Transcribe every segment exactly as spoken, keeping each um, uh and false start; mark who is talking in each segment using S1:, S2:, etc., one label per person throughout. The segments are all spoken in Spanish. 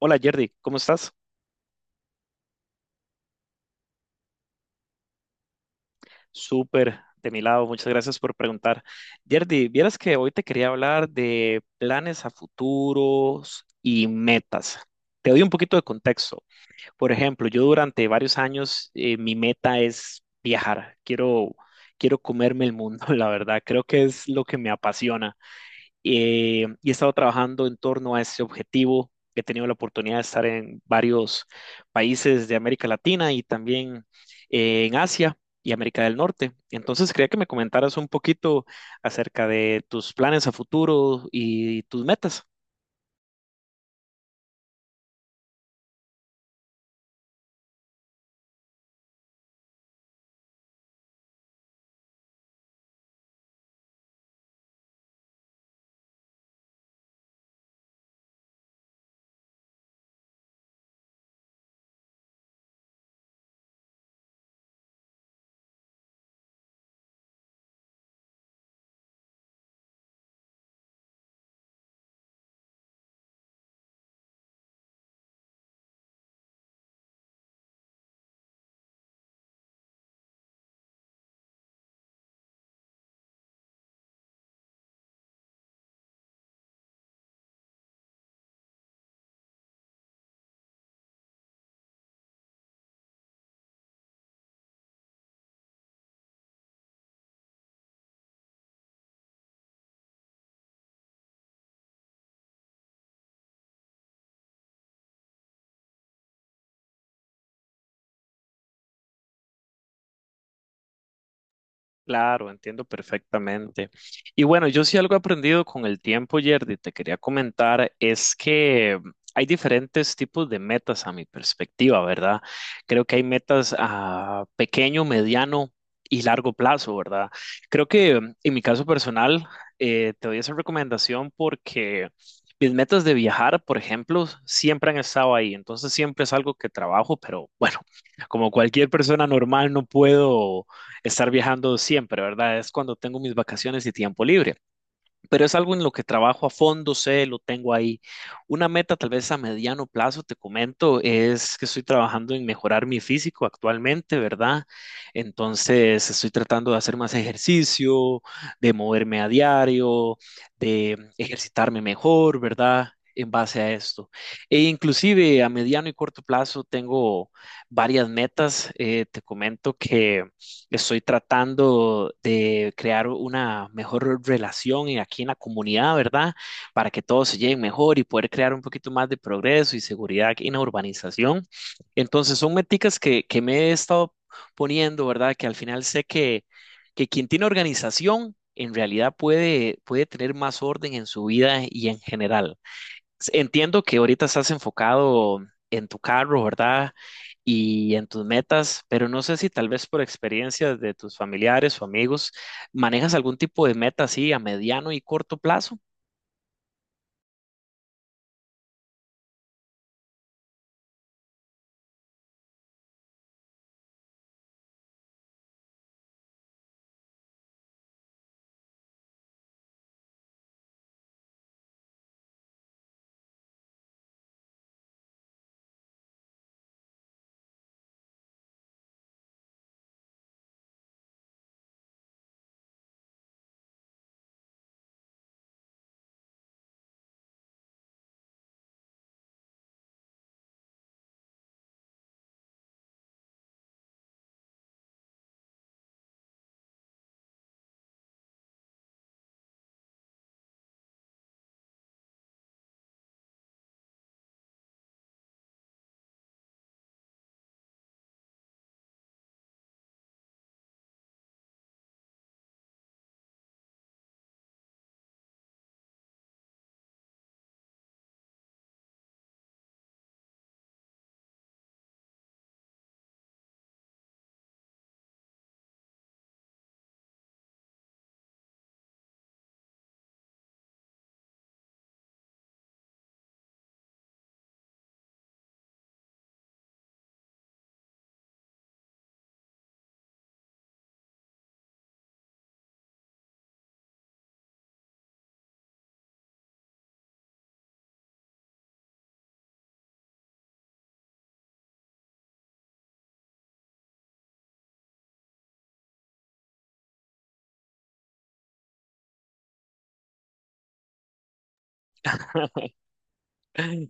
S1: Hola Jerdy, ¿cómo estás? Súper, de mi lado, muchas gracias por preguntar. Jerdy, vieras que hoy te quería hablar de planes a futuros y metas. Te doy un poquito de contexto. Por ejemplo, yo durante varios años eh, mi meta es viajar. Quiero, quiero comerme el mundo, la verdad. Creo que es lo que me apasiona. Eh, y he estado trabajando en torno a ese objetivo. He tenido la oportunidad de estar en varios países de América Latina y también eh, en Asia y América del Norte. Entonces, quería que me comentaras un poquito acerca de tus planes a futuro y tus metas. Claro, entiendo perfectamente. Y bueno, yo sí algo he aprendido con el tiempo, Yerdy, te quería comentar, es que hay diferentes tipos de metas a mi perspectiva, ¿verdad? Creo que hay metas a pequeño, mediano y largo plazo, ¿verdad? Creo que mm, en mi caso personal, eh, te doy esa recomendación porque mis metas de viajar, por ejemplo, siempre han estado ahí, entonces siempre es algo que trabajo, pero bueno, como cualquier persona normal, no puedo estar viajando siempre, ¿verdad? Es cuando tengo mis vacaciones y tiempo libre, pero es algo en lo que trabajo a fondo, sé, lo tengo ahí. Una meta tal vez a mediano plazo, te comento, es que estoy trabajando en mejorar mi físico actualmente, ¿verdad? Entonces estoy tratando de hacer más ejercicio, de moverme a diario, de ejercitarme mejor, ¿verdad? En base a esto. E inclusive a mediano y corto plazo tengo varias metas. Eh, te comento que estoy tratando de crear una mejor relación en- aquí en la comunidad, ¿verdad? Para que todos se lleguen mejor y poder crear un poquito más de progreso y seguridad en la urbanización. Entonces, son meticas que, que me he estado poniendo, ¿verdad? Que al final sé que, que quien tiene organización en realidad puede, puede tener más orden en su vida y en general. Entiendo que ahorita estás enfocado en tu carro, ¿verdad? Y en tus metas, pero no sé si tal vez por experiencias de tus familiares o amigos, manejas algún tipo de meta así a mediano y corto plazo.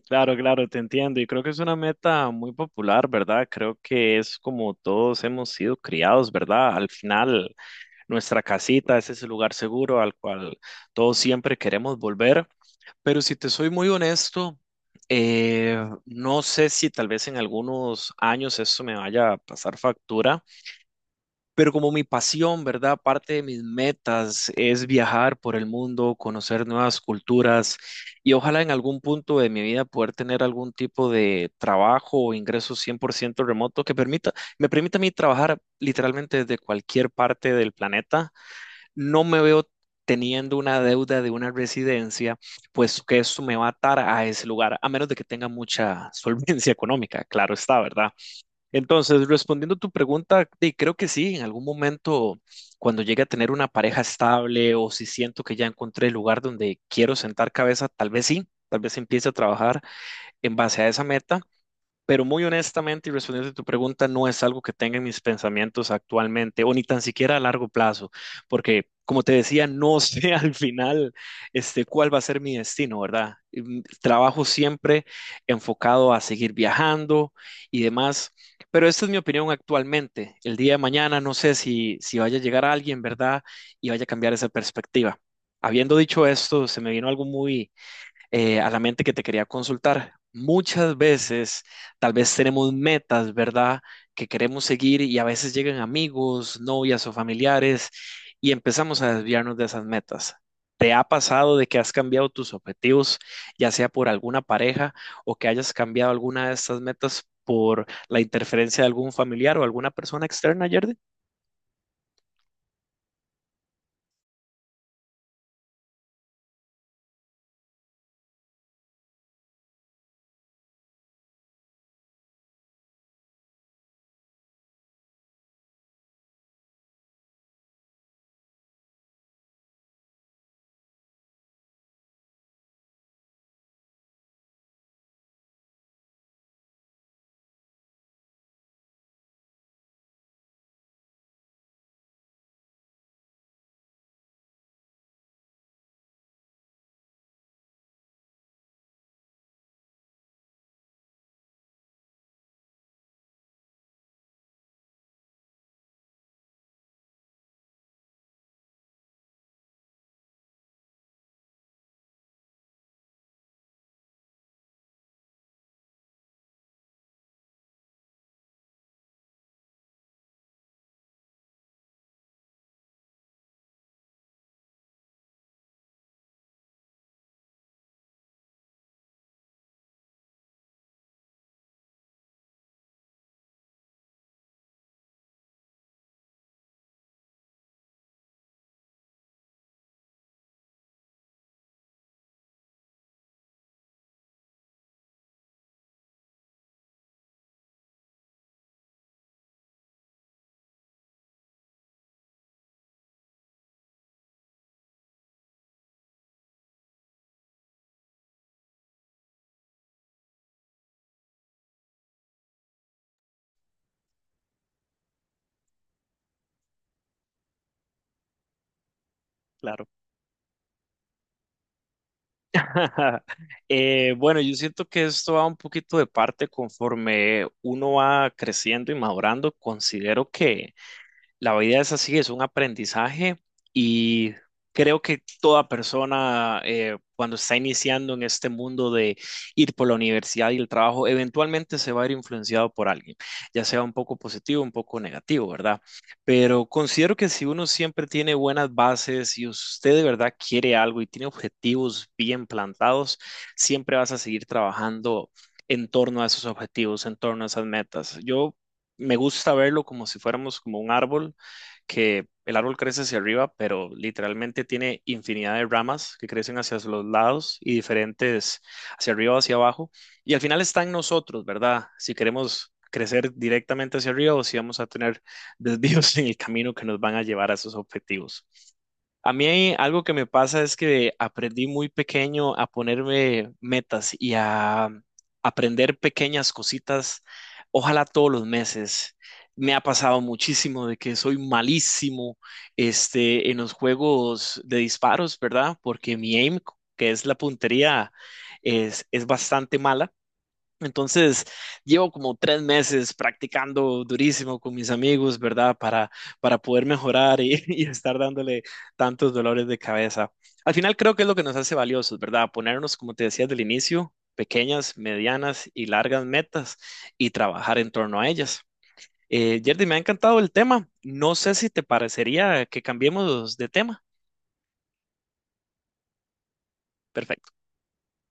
S1: Claro, claro, te entiendo. Y creo que es una meta muy popular, ¿verdad? Creo que es como todos hemos sido criados, ¿verdad? Al final, nuestra casita, ese es el lugar seguro al cual todos siempre queremos volver. Pero si te soy muy honesto, eh, no sé si tal vez en algunos años eso me vaya a pasar factura, pero como mi pasión, ¿verdad? Parte de mis metas es viajar por el mundo, conocer nuevas culturas y ojalá en algún punto de mi vida poder tener algún tipo de trabajo o ingreso cien por ciento remoto que permita, me permita a mí trabajar literalmente desde cualquier parte del planeta. No me veo teniendo una deuda de una residencia, pues que eso me va a atar a ese lugar, a menos de que tenga mucha solvencia económica, claro está, ¿verdad? Entonces, respondiendo a tu pregunta, sí, creo que sí, en algún momento, cuando llegue a tener una pareja estable o si siento que ya encontré el lugar donde quiero sentar cabeza, tal vez sí, tal vez empiece a trabajar en base a esa meta, pero muy honestamente y respondiendo a tu pregunta, no es algo que tenga en mis pensamientos actualmente o ni tan siquiera a largo plazo, porque como te decía, no sé al final este, cuál va a ser mi destino, ¿verdad? Mm, Trabajo siempre enfocado a seguir viajando y demás, pero esta es mi opinión actualmente. El día de mañana no sé si, si vaya a llegar alguien, ¿verdad? Y vaya a cambiar esa perspectiva. Habiendo dicho esto, se me vino algo muy eh, a la mente que te quería consultar. Muchas veces, tal vez tenemos metas, ¿verdad? Que queremos seguir y a veces llegan amigos, novias o familiares y empezamos a desviarnos de esas metas. ¿Te ha pasado de que has cambiado tus objetivos, ya sea por alguna pareja o que hayas cambiado alguna de estas metas por la interferencia de algún familiar o alguna persona externa, Yerdy? Claro. Eh, bueno, yo siento que esto va un poquito de parte conforme uno va creciendo y madurando. Considero que la vida es así, es un aprendizaje y creo que toda persona eh, cuando está iniciando en este mundo de ir por la universidad y el trabajo, eventualmente se va a ir influenciado por alguien, ya sea un poco positivo, un poco negativo, ¿verdad? Pero considero que si uno siempre tiene buenas bases y usted de verdad quiere algo y tiene objetivos bien plantados, siempre vas a seguir trabajando en torno a esos objetivos, en torno a esas metas. Yo me gusta verlo como si fuéramos como un árbol, que el árbol crece hacia arriba, pero literalmente tiene infinidad de ramas que crecen hacia los lados y diferentes hacia arriba o hacia abajo. Y al final está en nosotros, ¿verdad? Si queremos crecer directamente hacia arriba o si vamos a tener desvíos en el camino que nos van a llevar a esos objetivos. A mí algo que me pasa es que aprendí muy pequeño a ponerme metas y a mm, aprender pequeñas cositas, ojalá todos los meses. Me ha pasado muchísimo de que soy malísimo este, en los juegos de disparos, ¿verdad? Porque mi aim, que es la puntería, es, es bastante mala. Entonces, llevo como tres meses practicando durísimo con mis amigos, ¿verdad? Para, para poder mejorar y, y estar dándole tantos dolores de cabeza. Al final creo que es lo que nos hace valiosos, ¿verdad? Ponernos, como te decía del inicio, pequeñas, medianas y largas metas y trabajar en torno a ellas. Eh, Yerdy, me ha encantado el tema. No sé si te parecería que cambiemos de tema. Perfecto.